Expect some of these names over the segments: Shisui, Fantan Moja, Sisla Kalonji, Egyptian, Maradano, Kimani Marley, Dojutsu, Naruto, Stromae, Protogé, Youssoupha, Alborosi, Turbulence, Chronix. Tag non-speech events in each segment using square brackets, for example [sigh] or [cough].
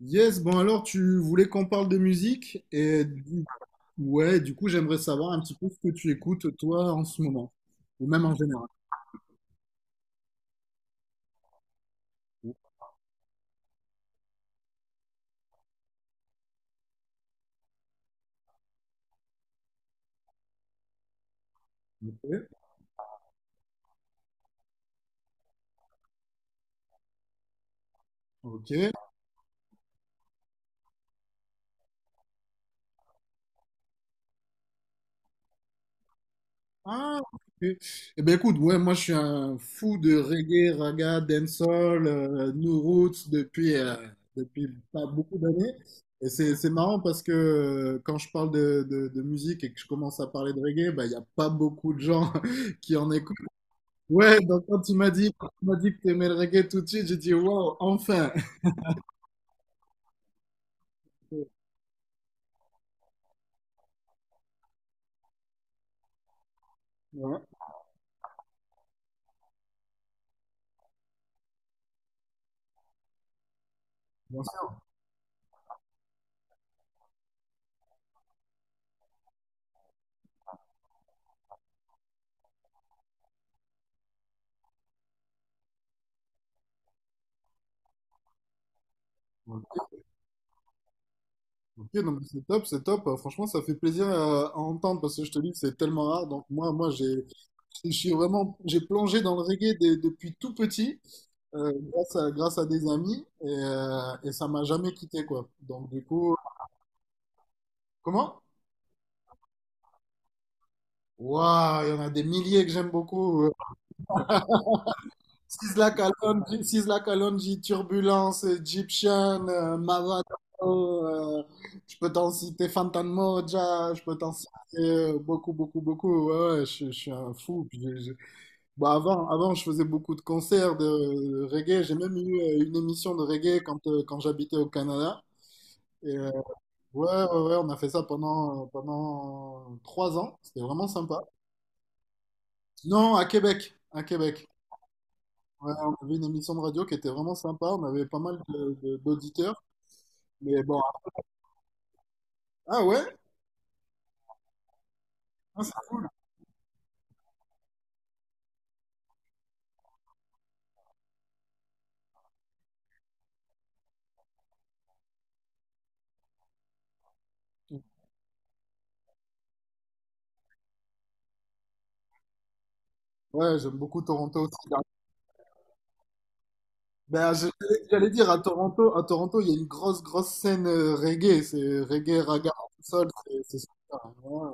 Yes, bon alors tu voulais qu'on parle de musique ouais, du coup j'aimerais savoir un petit peu ce que tu écoutes toi en ce moment ou même en général. Ok, ok. Ah, ok. Eh ben écoute, ouais, moi je suis un fou de reggae, raga, dancehall, new roots depuis pas beaucoup d'années. Et c'est marrant parce que quand je parle de musique et que je commence à parler de reggae, bah il y a pas beaucoup de gens [laughs] qui en écoutent. Ouais, donc quand tu m'as dit, quand tu m'as dit que tu aimais le reggae tout de suite, j'ai dit wow, enfin. Ouais, bien sûr. Ok, ok, non, mais c'est top, c'est top. Franchement, ça fait plaisir à entendre parce que je te dis que c'est tellement rare. Donc moi, je suis vraiment, j'ai plongé dans le reggae depuis tout petit, grâce à des amis et ça m'a jamais quitté quoi. Donc du coup, comment? Waouh, il y en a des milliers que j'aime beaucoup. Sisla Kalonji, Sisla Kalonji, Turbulence, Egyptian, Maradano, je peux t'en citer Fantan Moja, je peux t'en citer beaucoup, beaucoup, beaucoup. Ouais, ouais, je suis un fou. Bon, avant, je faisais beaucoup de concerts de reggae. J'ai même eu une émission de reggae quand, quand j'habitais au Canada. Et, ouais, ouais, ouais, on a fait ça pendant, pendant trois ans. C'était vraiment sympa. Non, à Québec. À Québec. Ouais, on avait une émission de radio qui était vraiment sympa. On avait pas mal d'auditeurs. Mais bon. Ah ouais? Ah, ça- Ouais, j'aime beaucoup Toronto aussi. Là. Ben, je- J'allais dire à Toronto, il y a une grosse, grosse scène reggae. C'est reggae, raga, sol. C'est super. Ouais.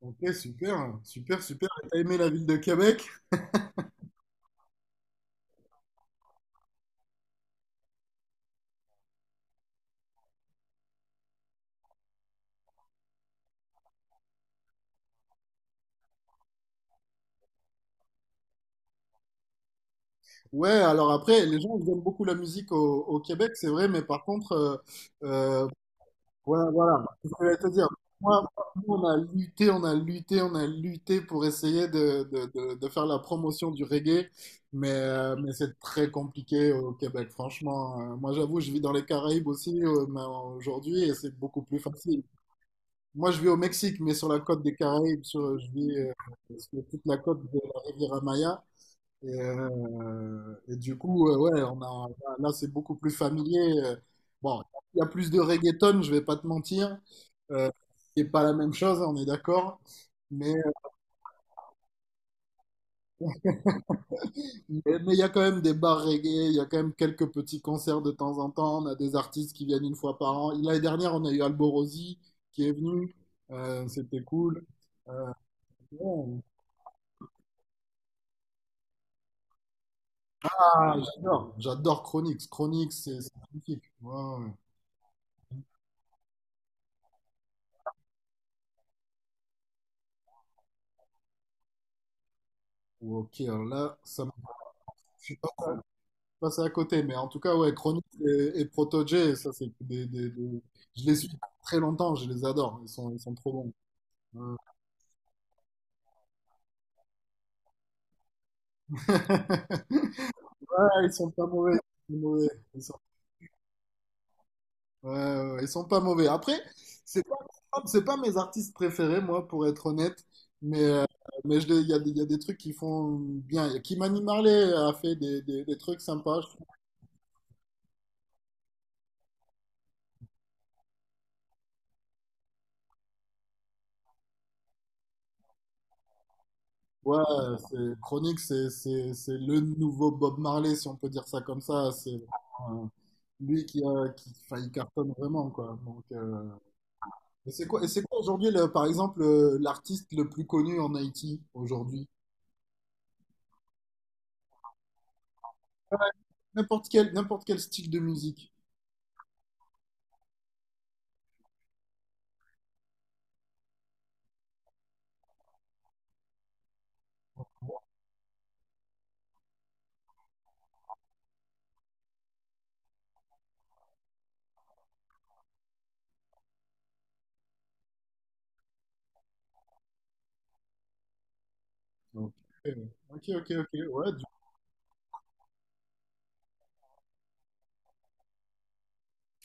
Ok, super, super, super. Et t'as aimé la ville de Québec? Ouais, alors après, les gens, ils aiment beaucoup la musique au, au Québec, c'est vrai, mais par contre, euh, ouais, voilà, c'est ce que je vais te dire. Moi, Nous, on a lutté, on a lutté, on a lutté pour essayer de faire la promotion du reggae, mais c'est très compliqué au Québec, franchement. Moi, j'avoue, je vis dans les Caraïbes aussi, mais aujourd'hui, et c'est beaucoup plus facile. Moi, je vis au Mexique, mais sur la côte des Caraïbes, sur, je vis sur toute la côte de la Riviera Maya. Et du coup, ouais, on a, là, c'est beaucoup plus familier. Euh. Bon, il y a plus de reggaeton, je vais pas te mentir. Euh, c'est pas la même chose, on est d'accord. Mais mais il y a quand même des bars reggae, il y a quand même quelques petits concerts de temps en temps. On a des artistes qui viennent une fois par an. L'année dernière, on a eu Alborosi qui est venu. C'était cool. Euh, bon, ah, j'adore, j'adore Chronix. Chronix, c'est magnifique. Ouais, ouais. Ok, alors là, ça me... je suis pas passé à côté, mais en tout cas, ouais, Chronix et Protogé, ça, c'est je les suis depuis très longtemps, je les adore. Ils sont trop bons. Ouais. [laughs] Ouais, ils sont pas mauvais. Ils sont mauvais. Ils sont, ouais, ouais, ouais, ils sont pas mauvais. Après, c'est pas, c'est pas mes artistes préférés, moi, pour être honnête. Mais, il y a, il y a des trucs qui font bien. Kimani Marley a fait des trucs sympas, je trouve. Ouais, Chronique, c'est le nouveau Bob Marley, si on peut dire ça comme ça. C'est vraiment, lui qui, a, qui, enfin, il cartonne vraiment, quoi. Donc, et c'est quoi, et c'est quoi aujourd'hui, par exemple, l'artiste le plus connu en Haïti aujourd'hui? N'importe quel style de musique. Donc, euh, ok, ok, ok.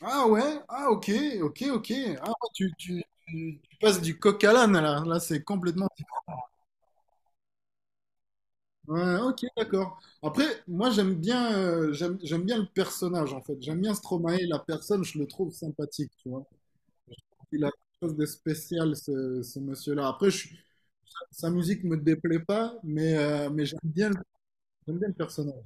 Ah ouais, ah ok, ok, ok. Ah, ouais, tu passes du coq à l'âne là. Là, c'est complètement. Ouais, ok, d'accord. Après, moi, j'aime bien, j'aime bien le personnage en fait. J'aime bien Stromae, la personne, je le trouve sympathique, tu vois. Il a quelque chose de spécial, ce monsieur-là. Sa musique me déplaît pas, mais, j'aime bien le personnage.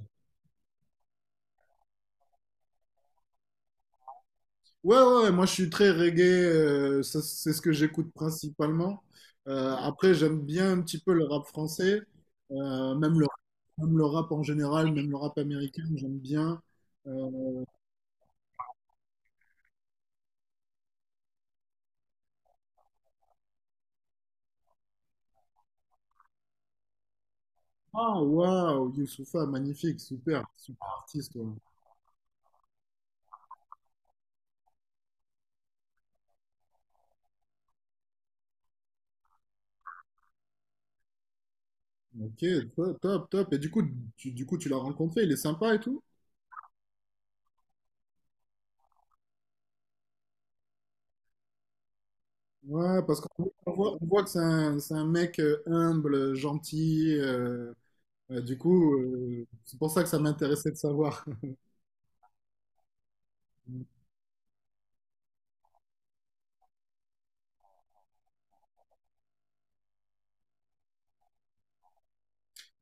Ouais, ouais, ouais, moi je suis très reggae, ça, c'est ce que j'écoute principalement. Après, j'aime bien un petit peu le rap français, euh, même le, même le rap en général, même le rap américain, j'aime bien. Euh, ah, waouh, Youssoupha, magnifique, super, super artiste. Ouais. Ok, top, top, top. Et du coup, du coup, tu l'as rencontré, il est sympa et tout? Ouais, parce qu'on on voit que c'est un mec humble, gentil. Euh, du coup, c'est pour ça que ça m'intéressait de savoir.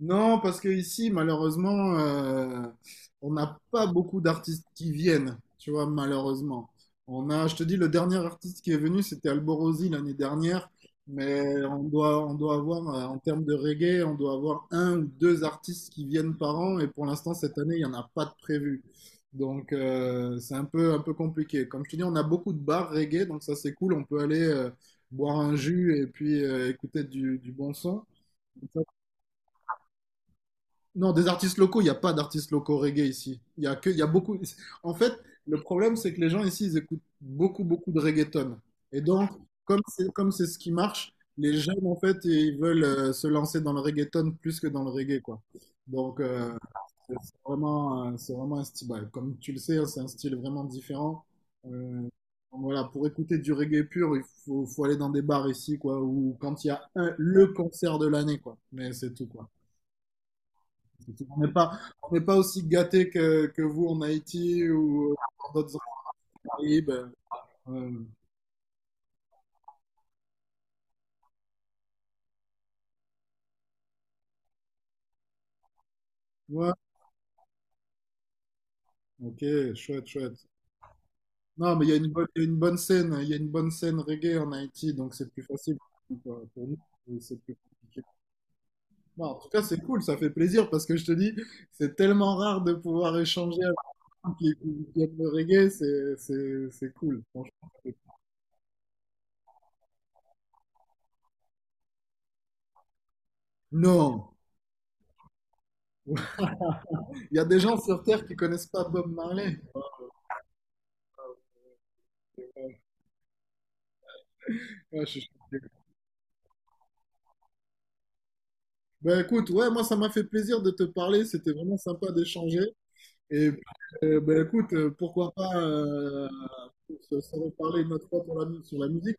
Non, parce que ici, malheureusement, on n'a pas beaucoup d'artistes qui viennent, tu vois, malheureusement. On a, je te dis, le dernier artiste qui est venu, c'était Alborosi l'année dernière, mais on doit avoir, en termes de reggae, on doit avoir un ou deux artistes qui viennent par an, et pour l'instant, cette année, il n'y en a pas de prévu. Donc, c'est un peu compliqué. Comme je te dis, on a beaucoup de bars reggae, donc ça, c'est cool, on peut aller boire un jus et puis écouter du bon son. Non, des artistes locaux, il n'y a pas d'artistes locaux reggae ici. Il y a que, il y a beaucoup. En fait, le problème, c'est que les gens ici, ils écoutent beaucoup, beaucoup de reggaeton. Et donc, comme c'est ce qui marche, les jeunes, en fait, ils veulent se lancer dans le reggaeton plus que dans le reggae, quoi. Donc, c'est vraiment, c'est vraiment un style. Bah, comme tu le sais, hein, c'est un style vraiment différent. Euh, donc voilà, pour écouter du reggae pur, il faut, faut aller dans des bars ici, quoi, ou quand il y a un, le concert de l'année, quoi. Mais c'est tout, quoi. On n'est pas, on n'est pas aussi gâté que vous en Haïti ou dans d'autres îles Caraïbes. Euh, ouais, ok, chouette, chouette. Non, mais il y a une bonne, il y a une bonne scène reggae en Haïti, donc c'est plus facile quoi. Pour nous, c'est plus compliqué. Non, en tout cas, c'est cool, ça fait plaisir parce que je te dis, c'est tellement rare de pouvoir échanger avec quelqu'un qui aime le reggae, c'est cool, franchement. Non, [laughs] il y a des gens sur Terre qui connaissent pas Bob Marley. Ouais, je suis choqué. Ben écoute, ouais, moi ça m'a fait plaisir de te parler, c'était vraiment sympa d'échanger. Et ben écoute, pourquoi pas se reparler une autre fois pour sur la musique.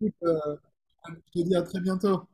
Écoute, je te dis à très bientôt.